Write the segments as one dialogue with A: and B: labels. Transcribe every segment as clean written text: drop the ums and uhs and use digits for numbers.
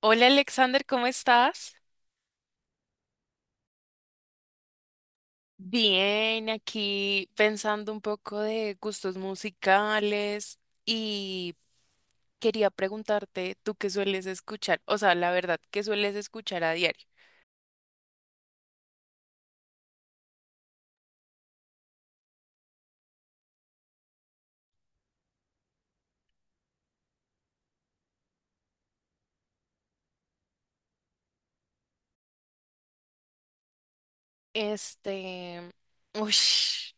A: Hola Alexander, ¿cómo estás? Bien, aquí pensando un poco de gustos musicales y quería preguntarte, ¿tú qué sueles escuchar? O sea, la verdad, ¿qué sueles escuchar a diario? Este, uy,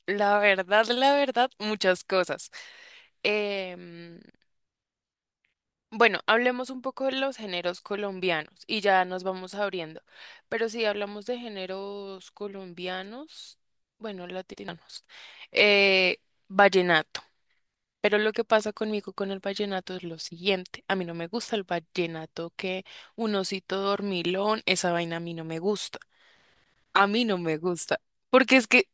A: la verdad, muchas cosas. Em, Bueno, hablemos un poco de los géneros colombianos y ya nos vamos abriendo. Pero si hablamos de géneros colombianos, bueno, latinos, eh, vallenato. Pero lo que pasa conmigo con el vallenato es lo siguiente. A mí no me gusta el vallenato que un osito dormilón, esa vaina a mí no me gusta. A mí no me gusta. Porque es que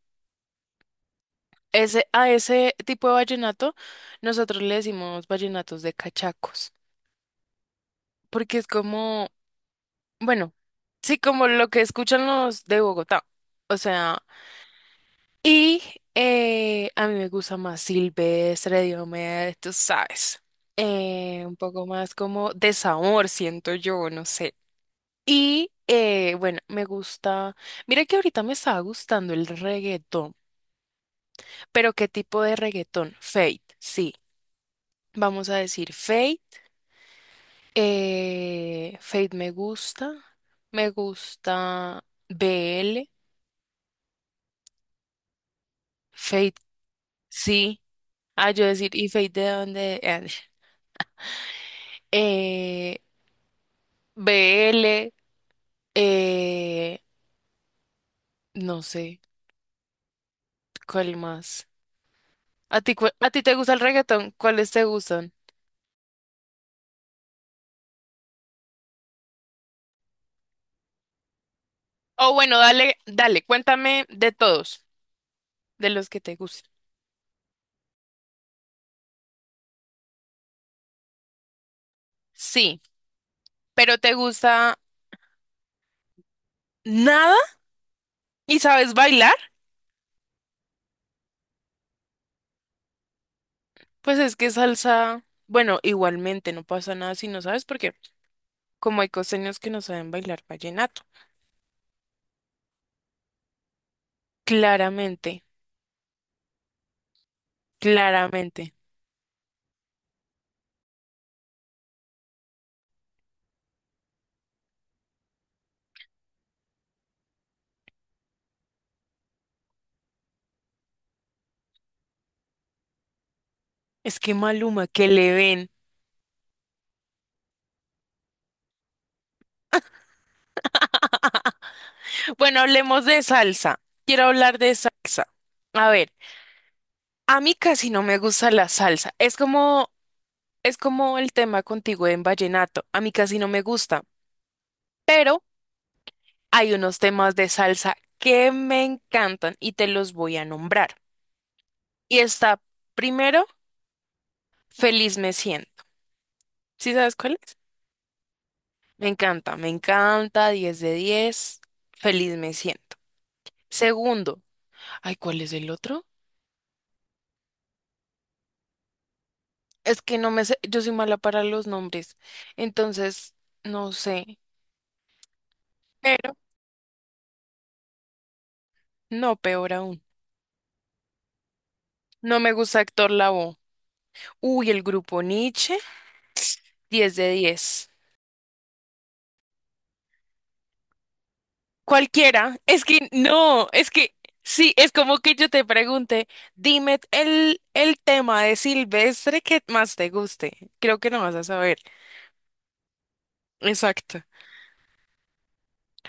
A: ese, a ese tipo de vallenato nosotros le decimos vallenatos de cachacos. Porque es como bueno, sí, como lo que escuchan los de Bogotá. O sea, y a mí me gusta más Silvestre, Diomedes, tú sabes. Un poco más como desamor, siento yo, no sé. Y bueno, me gusta. Mira que ahorita me estaba gustando el reggaetón, pero ¿qué tipo de reggaetón? Fate, sí. Vamos a decir Fate. Fate me gusta. Me gusta BL. Sí, ah, yo decir, ¿y Fate de dónde? Eh, BL, eh, no sé, ¿cuál más? ¿A ti, a ti te gusta el reggaetón? ¿Cuáles te gustan? Oh, bueno, dale, dale, cuéntame de todos, de los que te gustan. Sí, pero ¿te gusta nada? ¿Y sabes bailar? Pues es que salsa, bueno, igualmente no pasa nada si no sabes, porque como hay costeños que no saben bailar vallenato. Claramente, claramente. Es que Maluma, que le ven. Bueno, hablemos de salsa. Quiero hablar de salsa. A ver, a mí casi no me gusta la salsa. Es como el tema contigo en vallenato. A mí casi no me gusta. Pero hay unos temas de salsa que me encantan y te los voy a nombrar. Y está primero, Feliz me siento. ¿Sí sabes cuál es? Me encanta, 10 de 10, Feliz me siento. Segundo, ay, ¿cuál es el otro? Es que no me sé, yo soy mala para los nombres, entonces no sé, pero no, peor aún. No me gusta Héctor Lavoe. Uy, el grupo Nietzsche, 10 de diez. Cualquiera, es que no, es que sí, es como que yo te pregunte, dime el tema de Silvestre que más te guste. Creo que no vas a saber. Exacto.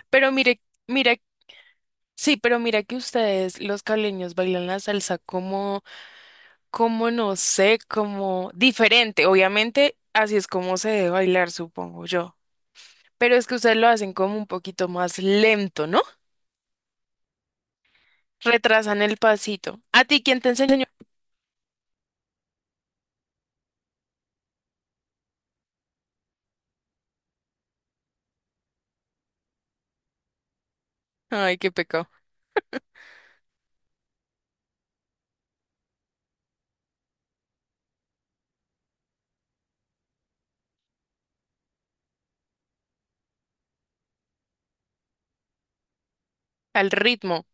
A: Pero mire, mira, sí, pero mira que ustedes, los caleños, bailan la salsa como como no sé, como diferente. Obviamente, así es como se debe bailar, supongo yo. Pero es que ustedes lo hacen como un poquito más lento, ¿no? Retrasan el pasito. ¿A ti quién te enseñó? Ay, qué pecado. Al ritmo.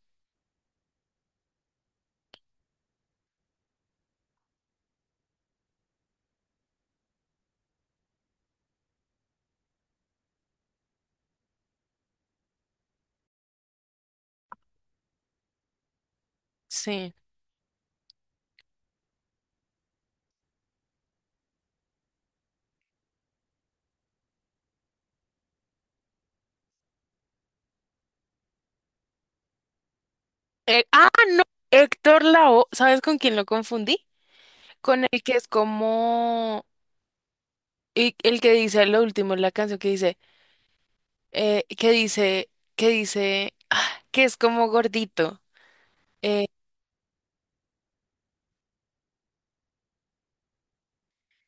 A: Sí. Eh, ah, no. Héctor Lavoe, ¿sabes con quién lo confundí? Con el que es como y el que dice lo último, en la canción que dice, que dice, que dice, ah, que es como gordito, eh,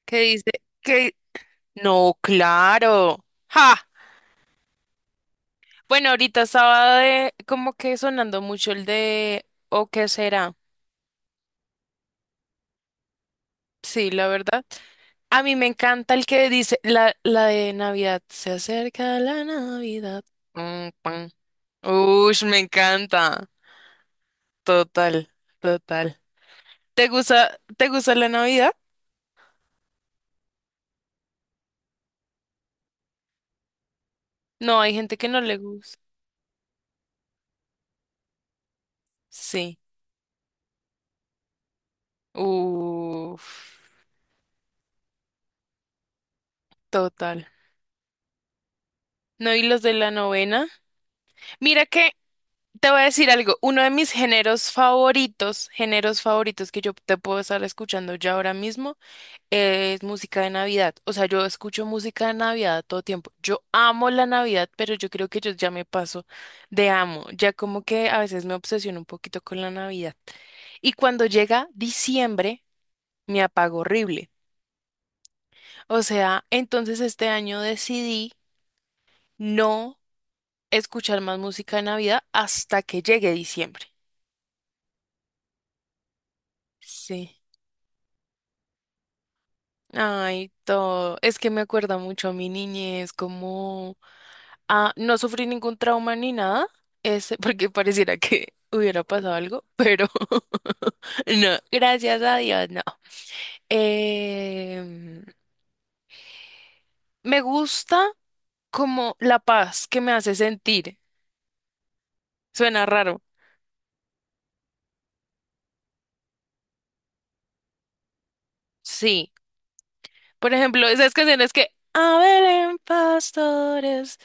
A: que dice, que no, claro. ¡Ja! Bueno, ahorita estaba de, como que sonando mucho el de ¿o qué será? Sí, la verdad. A mí me encanta el que dice la de Navidad. Se acerca la Navidad. Mm, pan. Ush, me encanta. Total, total. Te gusta la Navidad? No, hay gente que no le gusta. Sí. Uf, total. No, y los de la novena. Mira que te voy a decir algo, uno de mis géneros favoritos que yo te puedo estar escuchando ya ahora mismo es música de Navidad. O sea, yo escucho música de Navidad todo tiempo. Yo amo la Navidad, pero yo creo que yo ya me paso de amo. Ya como que a veces me obsesiono un poquito con la Navidad. Y cuando llega diciembre, me apago horrible. O sea, entonces este año decidí no escuchar más música de Navidad hasta que llegue diciembre. Sí. Ay, todo. Es que me acuerda mucho a mi niñez, como ah, no sufrí ningún trauma ni nada, es porque pareciera que hubiera pasado algo, pero no, gracias a Dios, no. Em, me gusta como la paz que me hace sentir. Suena raro. Sí. Por ejemplo, esas canciones que a ver, en pastores.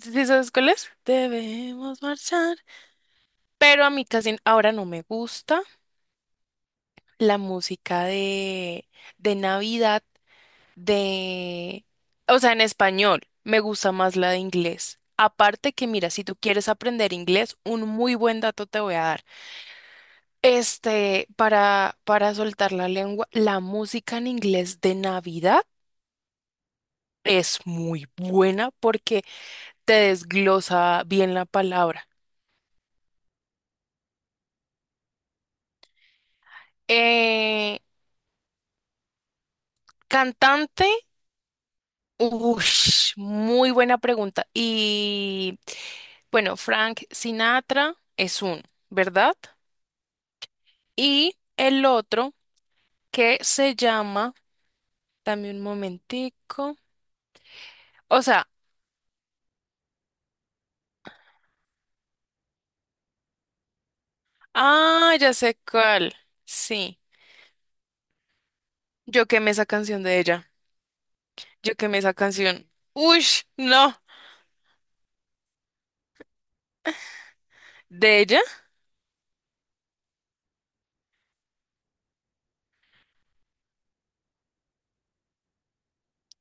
A: ¿Sí sabes cuáles? Debemos marchar. Pero a mí casi ahora no me gusta la música de Navidad, de, o sea, en español, me gusta más la de inglés. Aparte que, mira, si tú quieres aprender inglés, un muy buen dato te voy a dar. Este, para soltar la lengua, la música en inglés de Navidad es muy buena porque te desglosa bien la palabra. Eh, cantante. Ush, muy buena pregunta. Y bueno, Frank Sinatra es uno, ¿verdad? Y el otro que se llama, dame un momentico. O sea, ah, ya sé cuál. Sí, yo quemé esa canción de ella. Yo quemé esa canción. Ush, no, de ella.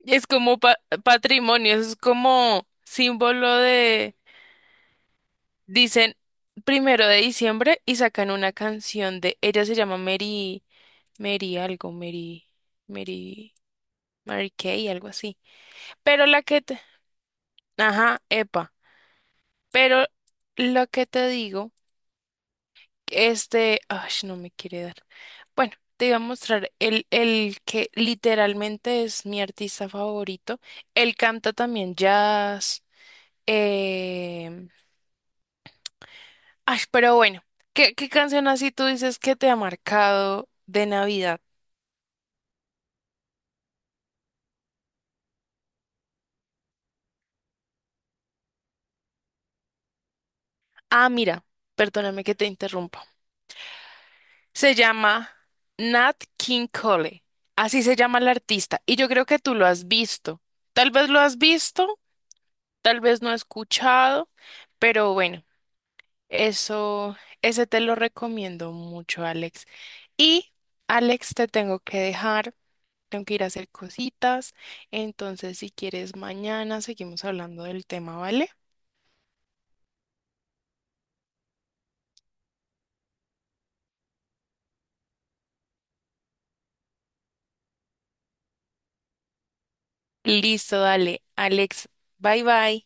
A: Es como patrimonio, es como símbolo. Dicen primero de diciembre y sacan una canción de ella se llama Mary, Mary algo, Mary, Mary Kay, algo así. Pero la que te, ajá, epa. Pero lo que te digo, este, ay, no me quiere dar. Bueno, te iba a mostrar el que literalmente es mi artista favorito. Él canta también jazz, em, ay, pero bueno, ¿qué canción así tú dices que te ha marcado de Navidad? Ah, mira, perdóname que te interrumpa. Se llama Nat King Cole. Así se llama el artista. Y yo creo que tú lo has visto. Tal vez lo has visto, tal vez no escuchado, pero bueno, eso, ese te lo recomiendo mucho, Alex. Y, Alex, te tengo que dejar. Tengo que ir a hacer cositas. Entonces, si quieres, mañana seguimos hablando del tema, ¿vale? Listo, dale, Alex. Bye bye.